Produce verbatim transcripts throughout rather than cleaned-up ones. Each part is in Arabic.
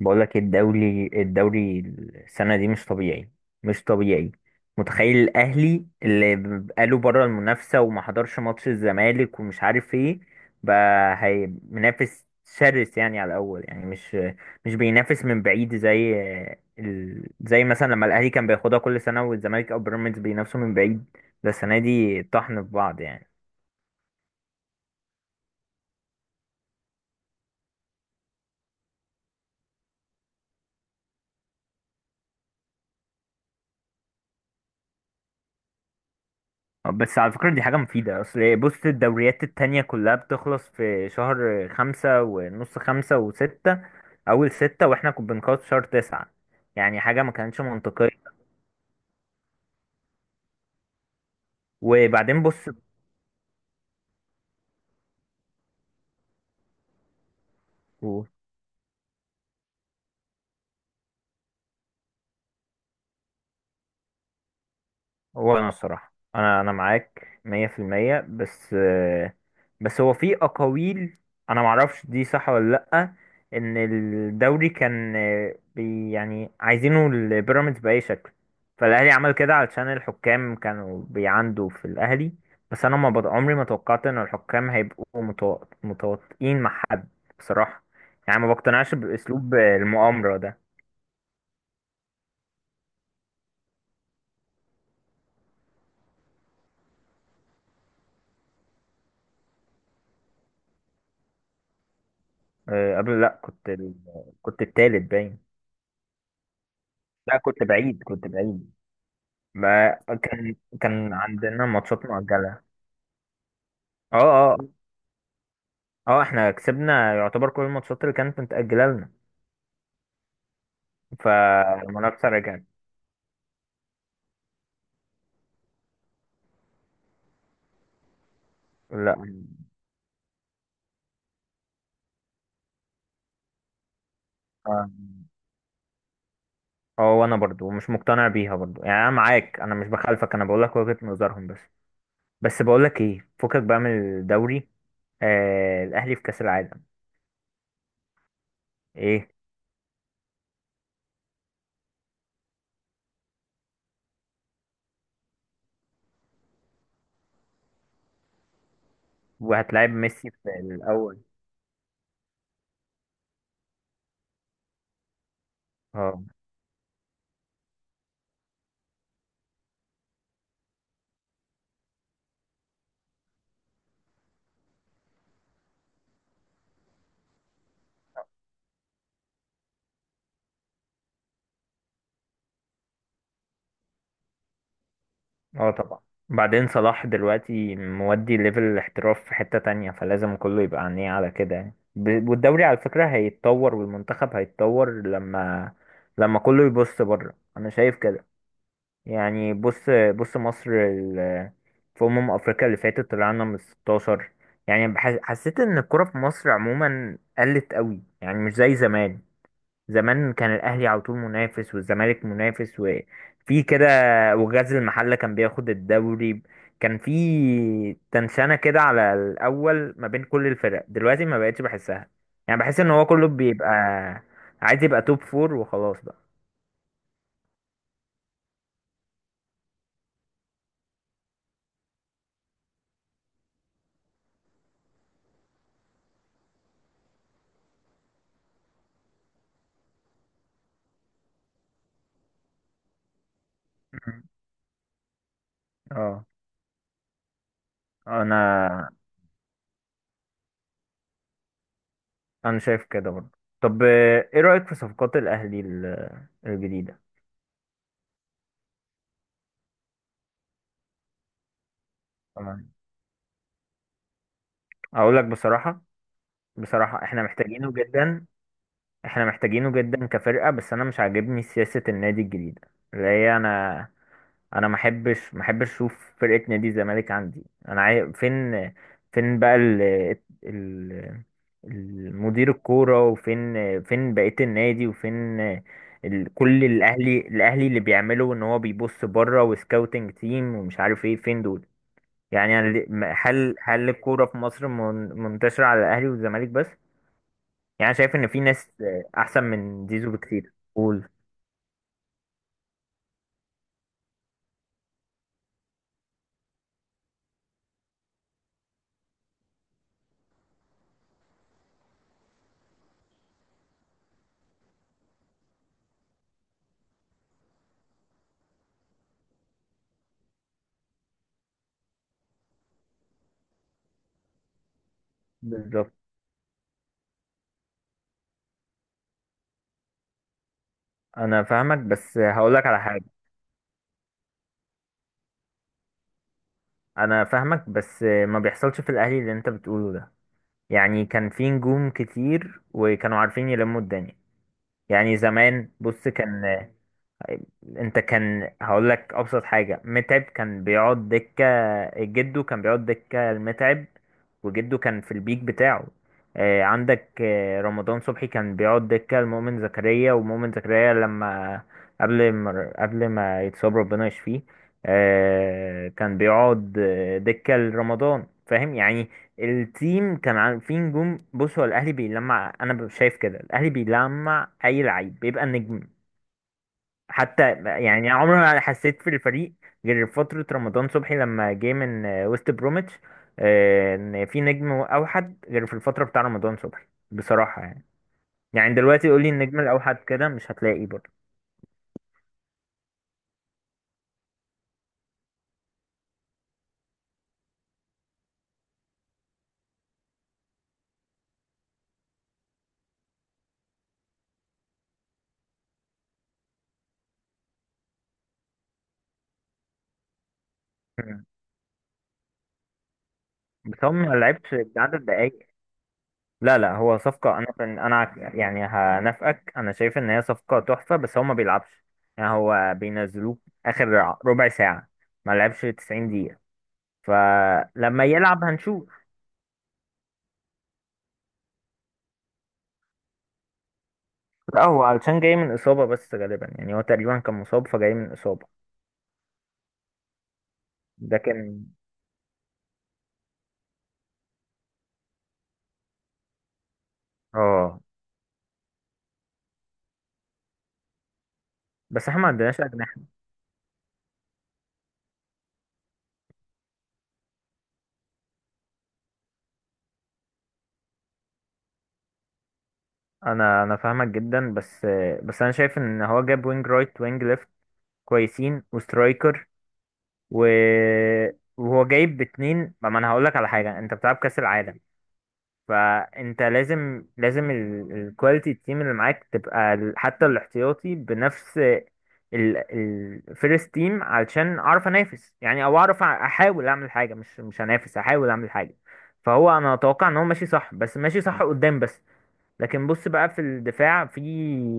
بقول لك الدوري الدوري السنة دي مش طبيعي، مش طبيعي. متخيل الأهلي اللي بقاله بره المنافسة وما حضرش ماتش الزمالك ومش عارف ايه، بقى هي منافس شرس يعني على الأول، يعني مش مش بينافس من بعيد زي ال... زي مثلا لما الأهلي كان بياخدها كل سنة والزمالك أو بيراميدز بينافسوا من بعيد. ده السنة دي طحن في بعض يعني. بس على فكرة دي حاجة مفيدة، أصل إيه، بص الدوريات التانية كلها بتخلص في شهر خمسة ونص، خمسة وستة، أول ستة، وإحنا كنا بنخلص في شهر تسعة، يعني حاجة ما كانتش منطقية. وبعدين بص، هو انا الصراحه انا انا معاك مية في المية، بس بس هو في اقاويل انا معرفش دي صح ولا لا، ان الدوري كان بي يعني عايزينه البيراميدز باي شكل، فالاهلي عمل كده علشان الحكام كانوا بيعندوا في الاهلي. بس انا ما بط... عمري ما توقعت ان الحكام هيبقوا متو... متواطئين مع حد بصراحه، يعني ما بقتنعش باسلوب المؤامره ده. أه، قبل لا كنت ال... كنت التالت باين. لا كنت بعيد، كنت بعيد، ما كان كان عندنا ماتشات مؤجلة. اه، اه، اه احنا كسبنا يعتبر كل الماتشات اللي كانت متأجلة لنا، فالمنافسة رجعت. لا. اه. آه، وانا برضو مش مقتنع بيها برضو، يعني انا معاك، انا مش بخالفك، انا بقولك وجهة نظرهم بس. بس بقولك ايه، فكك بقى من الدوري، آه الاهلي في كأس العالم. ايه وهتلاعب ميسي في الاول. اه. اه طبعا. بعدين صلاح دلوقتي مودي ليفل الاحتراف في حتة تانية، فلازم كله يبقى عينيه على كده، يعني ب- والدوري على فكرة هيتطور والمنتخب هيتطور لما لما كله يبص بره، انا شايف كده. يعني بص، بص مصر ال- في أمم أفريقيا اللي فاتت طلعنا من ستاشر. يعني بح- حسيت إن الكرة في مصر عموما قلت قوي، يعني مش زي زمان. زمان كان الاهلي على طول منافس والزمالك منافس وفي كده، وغزل المحله كان بياخد الدوري، كان في تنشنه كده على الاول ما بين كل الفرق. دلوقتي ما بقتش بحسها، يعني بحس ان هو كله بيبقى عايز يبقى توب فور وخلاص بقى. مم. اه انا انا شايف كده برضه. طب آه، ايه رايك في صفقات الاهلي ال- الجديده. طبعا، اقول لك بصراحه، بصراحه احنا محتاجينه جدا، احنا محتاجينه جدا كفرقة، بس انا مش عاجبني سياسة النادي الجديدة، اللي هي انا، انا ما احبش ما احبش اشوف فرقة نادي الزمالك عندي، انا عاي... فين، فين بقى ال... ال... المدير الكورة، وفين فين بقية النادي، وفين ال... كل الاهلي، الاهلي اللي بيعمله ان هو بيبص بره وسكاوتنج تيم ومش عارف ايه، فين دول؟ يعني أنا ل- هل هل الكورة في مصر من... منتشرة على الاهلي والزمالك بس؟ يعني شايف ان في ناس احسن من زيزو بكتير، قول. بالظبط، انا فاهمك بس هقول لك على حاجه. انا فاهمك، بس ما بيحصلش في الاهلي اللي انت بتقوله ده، يعني كان في نجوم كتير وكانوا عارفين يلموا الدنيا. يعني زمان بص كان، طيب، انت كان، هقول لك ابسط حاجه، متعب كان بيقعد دكه، جده كان بيقعد دكه المتعب وجده كان في البيك بتاعه. آه، عندك آه، رمضان صبحي كان بيقعد دكه المؤمن زكريا، ومؤمن زكريا لما، قبل ما قبل ما يتصاب ربنا يشفيه، آه، كان بيقعد آه، دكه لرمضان، فاهم يعني. التيم كان عن- فيه نجوم. بص هو الاهلي بيلمع، انا شايف كده، الاهلي بيلمع اي لعيب بيبقى نجم. حتى يعني عمري ما حسيت في الفريق غير فترة رمضان صبحي لما جه من آه، وست بروميتش، آه، ان في نجم اوحد غير في الفترة بتاع رمضان صبحي بصراحة يعني. يعني دلوقتي قولي النجم الاوحد كده مش هتلاقي برضه. مم. بس هو ما لعبش عدد دقايق. لا لا، هو صفقة، أنا فن- أنا عك- يعني هنافقك، أنا شايف إن هي صفقة تحفة بس هو ما بيلعبش، يعني هو بينزلوه آخر ع- ربع ساعة، ما لعبش تسعين دقيقة، فلما يلعب هنشوف. لا هو علشان جاي من إصابة بس غالبا، يعني هو تقريبا كان مصاب فجاي من إصابة. ده كان. اه بس احنا ما عندناش أجنحة. أنا أنا فاهمك جدا بس، بس أنا شايف إن هو جاب وينج رايت، وينج ليفت كويسين، وسترايكر و- وهو جايب باتنين. ما انا هقول لك على حاجه، انت بتلعب كاس العالم، فانت لازم لازم الكواليتي التيم اللي معاك تبقى ال- حتى الاحتياطي بنفس الفيرست تيم، علشان اعرف انافس، يعني او اعرف أ- احاول اعمل حاجه، مش مش هنافس احاول اعمل حاجه. فهو انا اتوقع ان هو ماشي صح، بس ماشي صح قدام بس. لكن بص بقى في الدفاع، في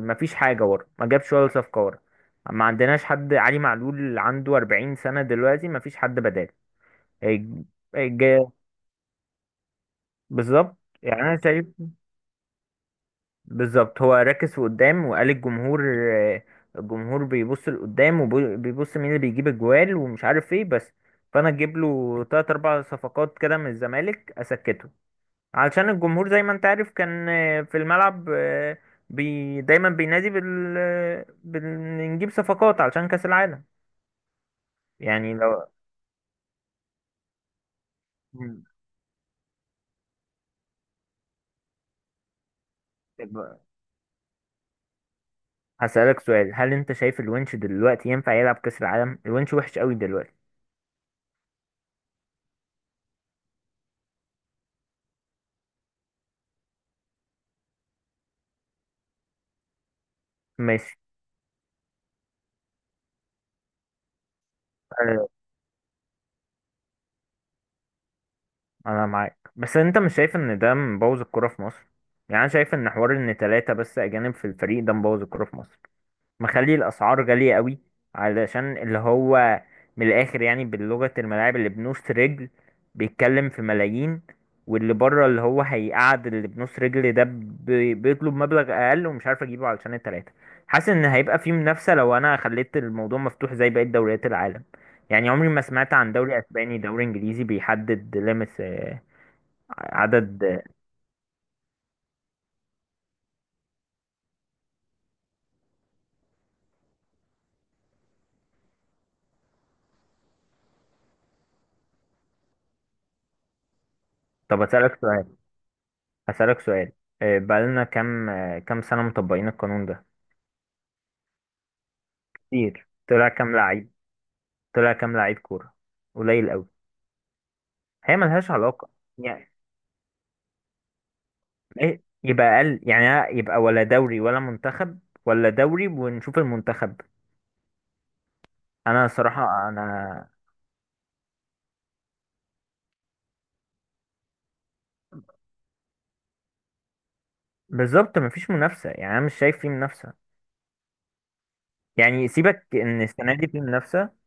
مفيش حاجة ورا، ما جابش ولا صفقة ورا، ما عندناش حد، علي معلول عنده أربعين سنة دلوقتي مفيش حد بداله. هيج- هيج- بالظبط. يعني انا شايف، بالظبط هو ركز في قدام وقال الجمهور آه، الجمهور بيبص لقدام وبيبص مين اللي بيجيب الجوال ومش عارف ايه بس، فانا اجيب له تلات اربع صفقات كده من الزمالك اسكته، علشان الجمهور زي ما انت عارف كان آه، في الملعب آه، بي دايما بينادي بال... بنجيب صفقات علشان كأس العالم. يعني لو. مم. طب هسألك سؤال، هل انت شايف الونش دلوقتي ينفع يلعب كأس العالم؟ الونش وحش قوي دلوقتي. ماشي آه، انا معاك، بس انت مش شايف ان ده مبوظ الكرة في مصر؟ يعني انا شايف ان حوار ان ثلاثة بس اجانب في الفريق ده مبوظ الكرة في مصر، مخلي الاسعار غاليه قوي، علشان اللي هو من الاخر يعني باللغه، الملاعب اللي بنص رجل بيتكلم في ملايين، واللي بره اللي هو هيقعد، اللي بنص رجل ده بي- بيطلب مبلغ اقل ومش عارف اجيبه علشان التلاته. حاسس ان هيبقى في منافسه لو انا خليت الموضوع مفتوح زي بقيه دوريات العالم، يعني عمري ما سمعت عن دوري اسباني دوري انجليزي بيحدد ليميتس آه، عدد. طب اسالك سؤال، اسالك سؤال، آه، بقالنا كام، آه، كام سنه مطبقين القانون ده؟ كتير، طلع كام لعيب، طلع كام لعيب كورة؟ قليل قوي، هي ملهاش علاقة. يعني إيه؟ يبقى أقل؟ يعني يبقى ولا دوري ولا منتخب، ولا دوري ونشوف المنتخب. أنا صراحة أنا، بالظبط مفيش منافسة، يعني أنا مش شايف فيه منافسة، يعني سيبك إن السنة دي فيه منافسة.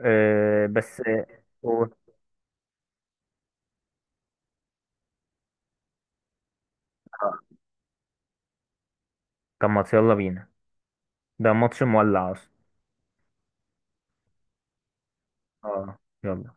أه بس آه، قول. طب ما يلا بينا، ده ماتش مولع أصلا. اه يلا.